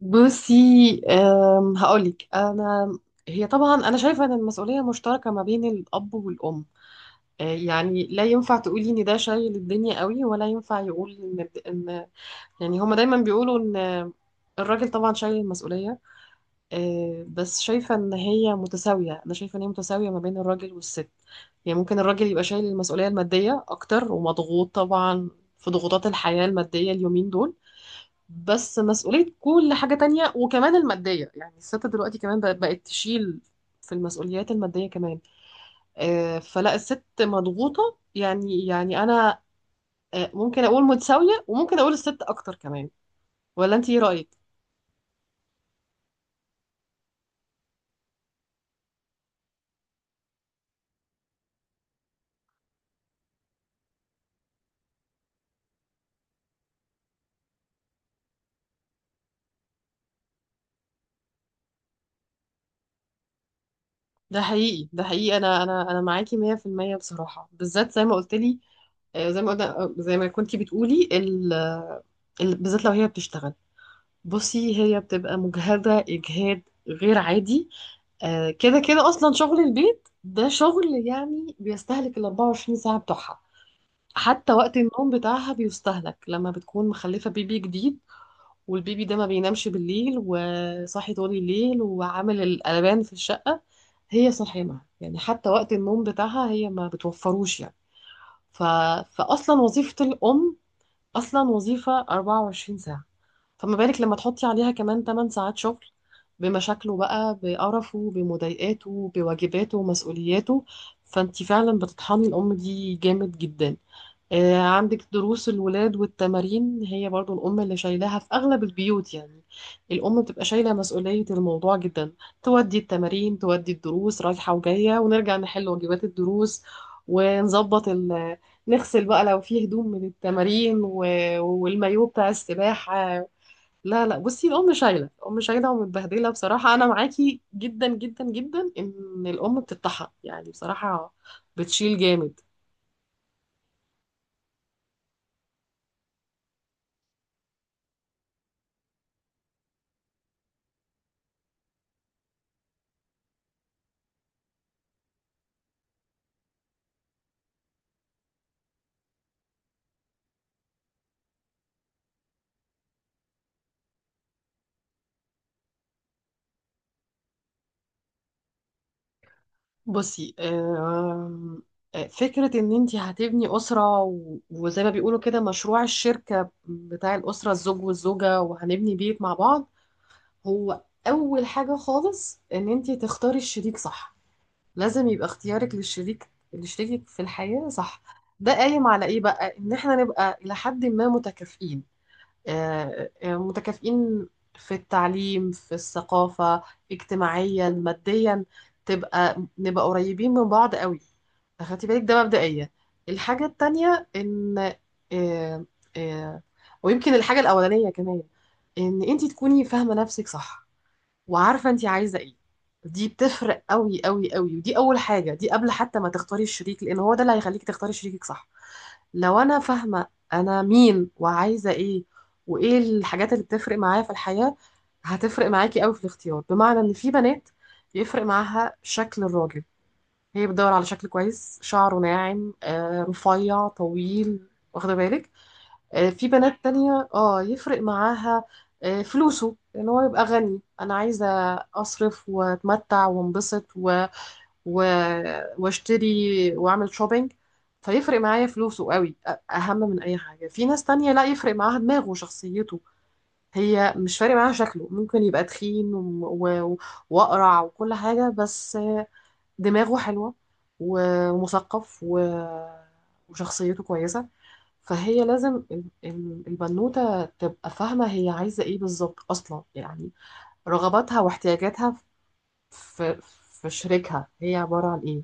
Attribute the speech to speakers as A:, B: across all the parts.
A: بصي، هقولك انا. هي طبعا انا شايفه ان المسؤوليه مشتركه ما بين الاب والام. يعني لا ينفع تقولي ان ده شايل الدنيا قوي، ولا ينفع يقول ان يعني هما دايما بيقولوا ان الراجل طبعا شايل المسؤوليه. بس شايفه ان هي متساويه، انا شايفه ان هي متساويه ما بين الراجل والست. يعني ممكن الراجل يبقى شايل المسؤوليه الماديه اكتر، ومضغوط طبعا في ضغوطات الحياه الماديه اليومين دول. بس مسؤولية كل حاجة تانية وكمان المادية، يعني الست دلوقتي كمان بقت تشيل في المسؤوليات المادية كمان. فلا الست مضغوطة، يعني أنا. ممكن أقول متساوية، وممكن أقول الست أكتر كمان. ولا أنت إيه رأيك؟ ده حقيقي ده حقيقي، أنا معاكي 100% بصراحة، بالذات زي ما قلت لي. زي ما قلنا، زي ما كنتي بتقولي بالذات لو هي بتشتغل. بصي هي بتبقى مجهدة إجهاد غير عادي. كده كده اصلا شغل البيت ده شغل، يعني بيستهلك ال 24 ساعة بتوعها. حتى وقت النوم بتاعها بيستهلك لما بتكون مخلفة بيبي جديد، والبيبي ده ما بينامش بالليل وصاحي طول الليل وعامل القلبان في الشقة. هي صاحمة، يعني حتى وقت النوم بتاعها هي ما بتوفروش يعني. ف... فأصلا وظيفة الأم أصلا وظيفة 24 ساعة، فما بالك لما تحطي عليها كمان 8 ساعات شغل بمشاكله بقى، بقرفه بمضايقاته بواجباته ومسؤولياته. فانت فعلا بتطحني الأم دي جامد جدا. عندك دروس الولاد والتمارين، هي برضو الأم اللي شايلاها في أغلب البيوت يعني. الأم بتبقى شايلة مسؤولية الموضوع جدا. تودي التمارين، تودي الدروس، رايحة وجاية، ونرجع نحل واجبات الدروس، ونظبط نغسل بقى لو فيه هدوم من التمارين والمايو بتاع السباحة. لا لا بصي، الأم شايلة، الأم شايلة ومتبهدلة بصراحة. أنا معاكي جدا جدا جدا إن الأم بتتطحن يعني بصراحة، بتشيل جامد. بصي فكرة إن أنتي هتبني أسرة وزي ما بيقولوا كده، مشروع الشركة بتاع الأسرة، الزوج والزوجة، وهنبني بيت مع بعض. هو أول حاجة خالص إن أنتي تختاري الشريك صح. لازم يبقى اختيارك للشريك، لشريكك في الحياة صح. ده قايم على إيه بقى؟ إن إحنا نبقى إلى حد ما متكافئين. متكافئين في التعليم، في الثقافة، اجتماعيا، ماديا، تبقى نبقى قريبين من بعض قوي. خدتي بالك؟ ده مبدئيا. الحاجة التانية ان آه، آه، ويمكن الحاجة الأولانية كمان، ان انت تكوني فاهمة نفسك صح، وعارفة انت عايزة ايه. دي بتفرق قوي قوي قوي، ودي اول حاجة، دي قبل حتى ما تختاري الشريك، لان هو ده اللي هيخليك تختاري شريكك صح. لو انا فاهمه انا مين وعايزه ايه، وايه الحاجات اللي بتفرق معايا في الحياه، هتفرق معاكي قوي في الاختيار. بمعنى ان في بنات يفرق معاها شكل الراجل، هي بتدور على شكل كويس، شعره ناعم، رفيع طويل، واخده بالك. في بنات تانية اه يفرق معاها فلوسه، ان هو يبقى غني. انا عايزه اصرف واتمتع وانبسط واشتري واعمل شوبينج. فيفرق معايا فلوسه قوي، اهم من اي حاجه. في ناس تانية لا، يفرق معاها دماغه وشخصيته، هي مش فارق معاها شكله. ممكن يبقى تخين واقرع وكل حاجه، بس دماغه حلوه ومثقف وشخصيته كويسه. فهي لازم البنوته تبقى فاهمه هي عايزه ايه بالظبط اصلا، يعني رغباتها واحتياجاتها في في شريكها هي عباره عن ايه.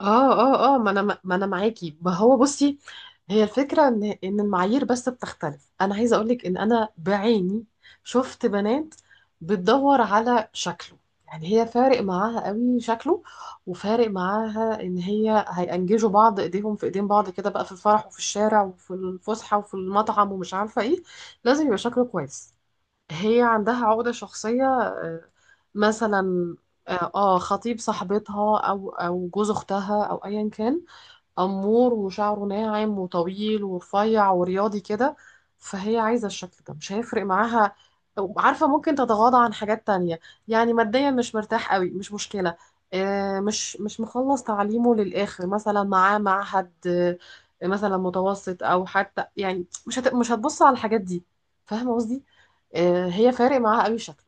A: اه ما انا معاكي. ما هو بصي، هي الفكره ان المعايير بس بتختلف. انا عايزه اقولك ان انا بعيني شفت بنات بتدور على شكله، يعني هي فارق معاها قوي شكله، وفارق معاها ان هي هينجزوا بعض ايديهم في ايدين بعض كده بقى، في الفرح وفي الشارع وفي الفسحه وفي المطعم ومش عارفه ايه. لازم يبقى شكله كويس، هي عندها عقدة شخصية. مثلا خطيب صاحبتها او جوز اختها او ايا كان، امور وشعره ناعم وطويل ورفيع ورياضي كده، فهي عايزه الشكل ده. مش هيفرق معاها، عارفه، ممكن تتغاضى عن حاجات تانية. يعني ماديا مش مرتاح قوي، مش مشكله. مش مخلص تعليمه للاخر مثلا، معاه معهد مثلا متوسط، او حتى يعني مش هتبص على الحاجات دي. فاهمه قصدي؟ هي فارق معاها قوي شكل،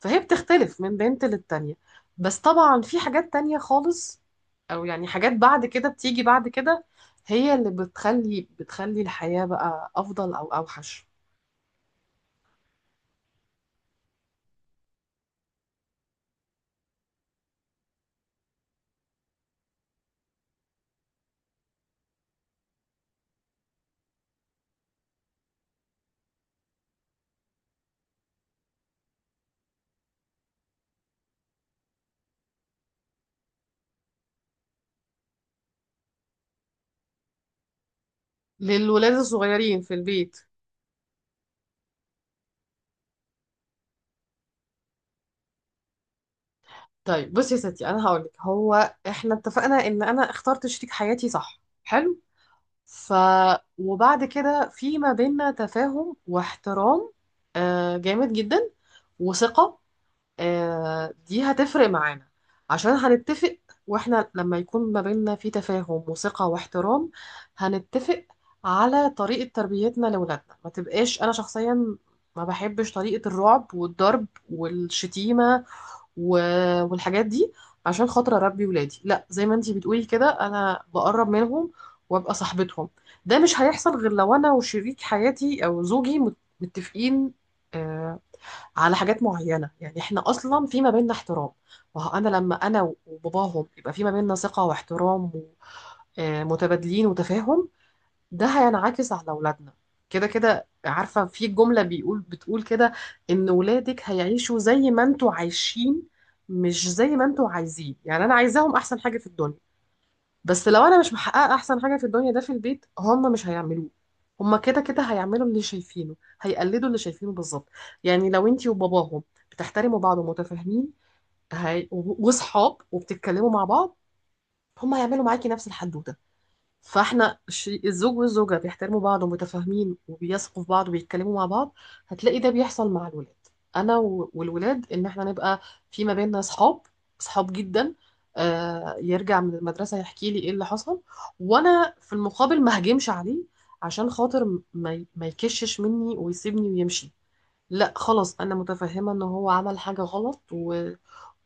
A: فهي بتختلف من بنت للتانية. بس طبعا في حاجات تانية خالص، او يعني حاجات بعد كده بتيجي بعد كده، هي اللي بتخلي الحياة بقى افضل او اوحش. للولاد الصغيرين في البيت، طيب بصي يا ستي، انا هقولك. هو احنا اتفقنا ان انا اخترت شريك حياتي صح، حلو. ف وبعد كده في ما بيننا تفاهم واحترام جامد جدا، وثقة. دي هتفرق معانا عشان هنتفق. واحنا لما يكون ما بيننا في تفاهم وثقة واحترام، هنتفق على طريقة تربيتنا لأولادنا. ما تبقاش أنا شخصيا ما بحبش طريقة الرعب والضرب والشتيمة والحاجات دي عشان خاطر أربي ولادي. لا، زي ما انتي بتقولي كده، أنا بقرب منهم وأبقى صاحبتهم. ده مش هيحصل غير لو أنا وشريك حياتي أو زوجي متفقين آه، على حاجات معينة. يعني احنا اصلا في ما بيننا احترام. وانا لما انا وباباهم يبقى في ما بيننا ثقة واحترام متبادلين وتفاهم، ده هينعكس على اولادنا. كده كده عارفة، في جملة بيقول بتقول كده، ان ولادك هيعيشوا زي ما انتوا عايشين، مش زي ما انتوا عايزين. يعني انا عايزاهم احسن حاجة في الدنيا، بس لو انا مش محققه احسن حاجه في الدنيا ده في البيت، هم مش هيعملوه. هم كده كده هيعملوا اللي شايفينه، هيقلدوا اللي شايفينه بالظبط. يعني لو انتي وباباهم بتحترموا بعض ومتفاهمين وصحاب وبتتكلموا مع بعض، هم هيعملوا معاكي نفس الحدوته. فاحنا الزوج والزوجة بيحترموا بعض ومتفاهمين وبيثقوا في بعض وبيتكلموا مع بعض، هتلاقي ده بيحصل مع الولاد. انا والولاد، ان احنا نبقى في ما بيننا صحاب، صحاب جدا. آه يرجع من المدرسة يحكي لي ايه اللي حصل، وانا في المقابل ما هجمش عليه عشان خاطر ما ما يكشش مني ويسيبني ويمشي. لا خلاص، انا متفهمه ان هو عمل حاجه غلط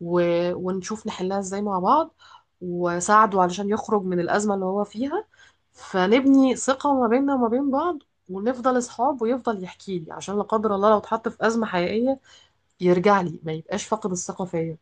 A: و... ونشوف نحلها ازاي مع بعض، وساعده علشان يخرج من الازمه اللي هو فيها. فنبني ثقه ما بيننا وما بين بعض، ونفضل اصحاب، ويفضل يحكي لي، عشان لا قدر الله لو اتحط في ازمه حقيقيه يرجع لي، ما يبقاش فاقد الثقه فيا.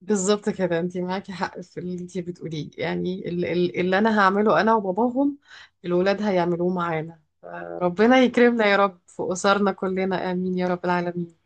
A: بالظبط كده، انت معاكي حق في اللي انت بتقوليه. يعني اللي انا هعمله انا وباباهم الولاد هيعملوه معانا. ربنا يكرمنا يا رب في أسرنا كلنا، آمين يا رب العالمين.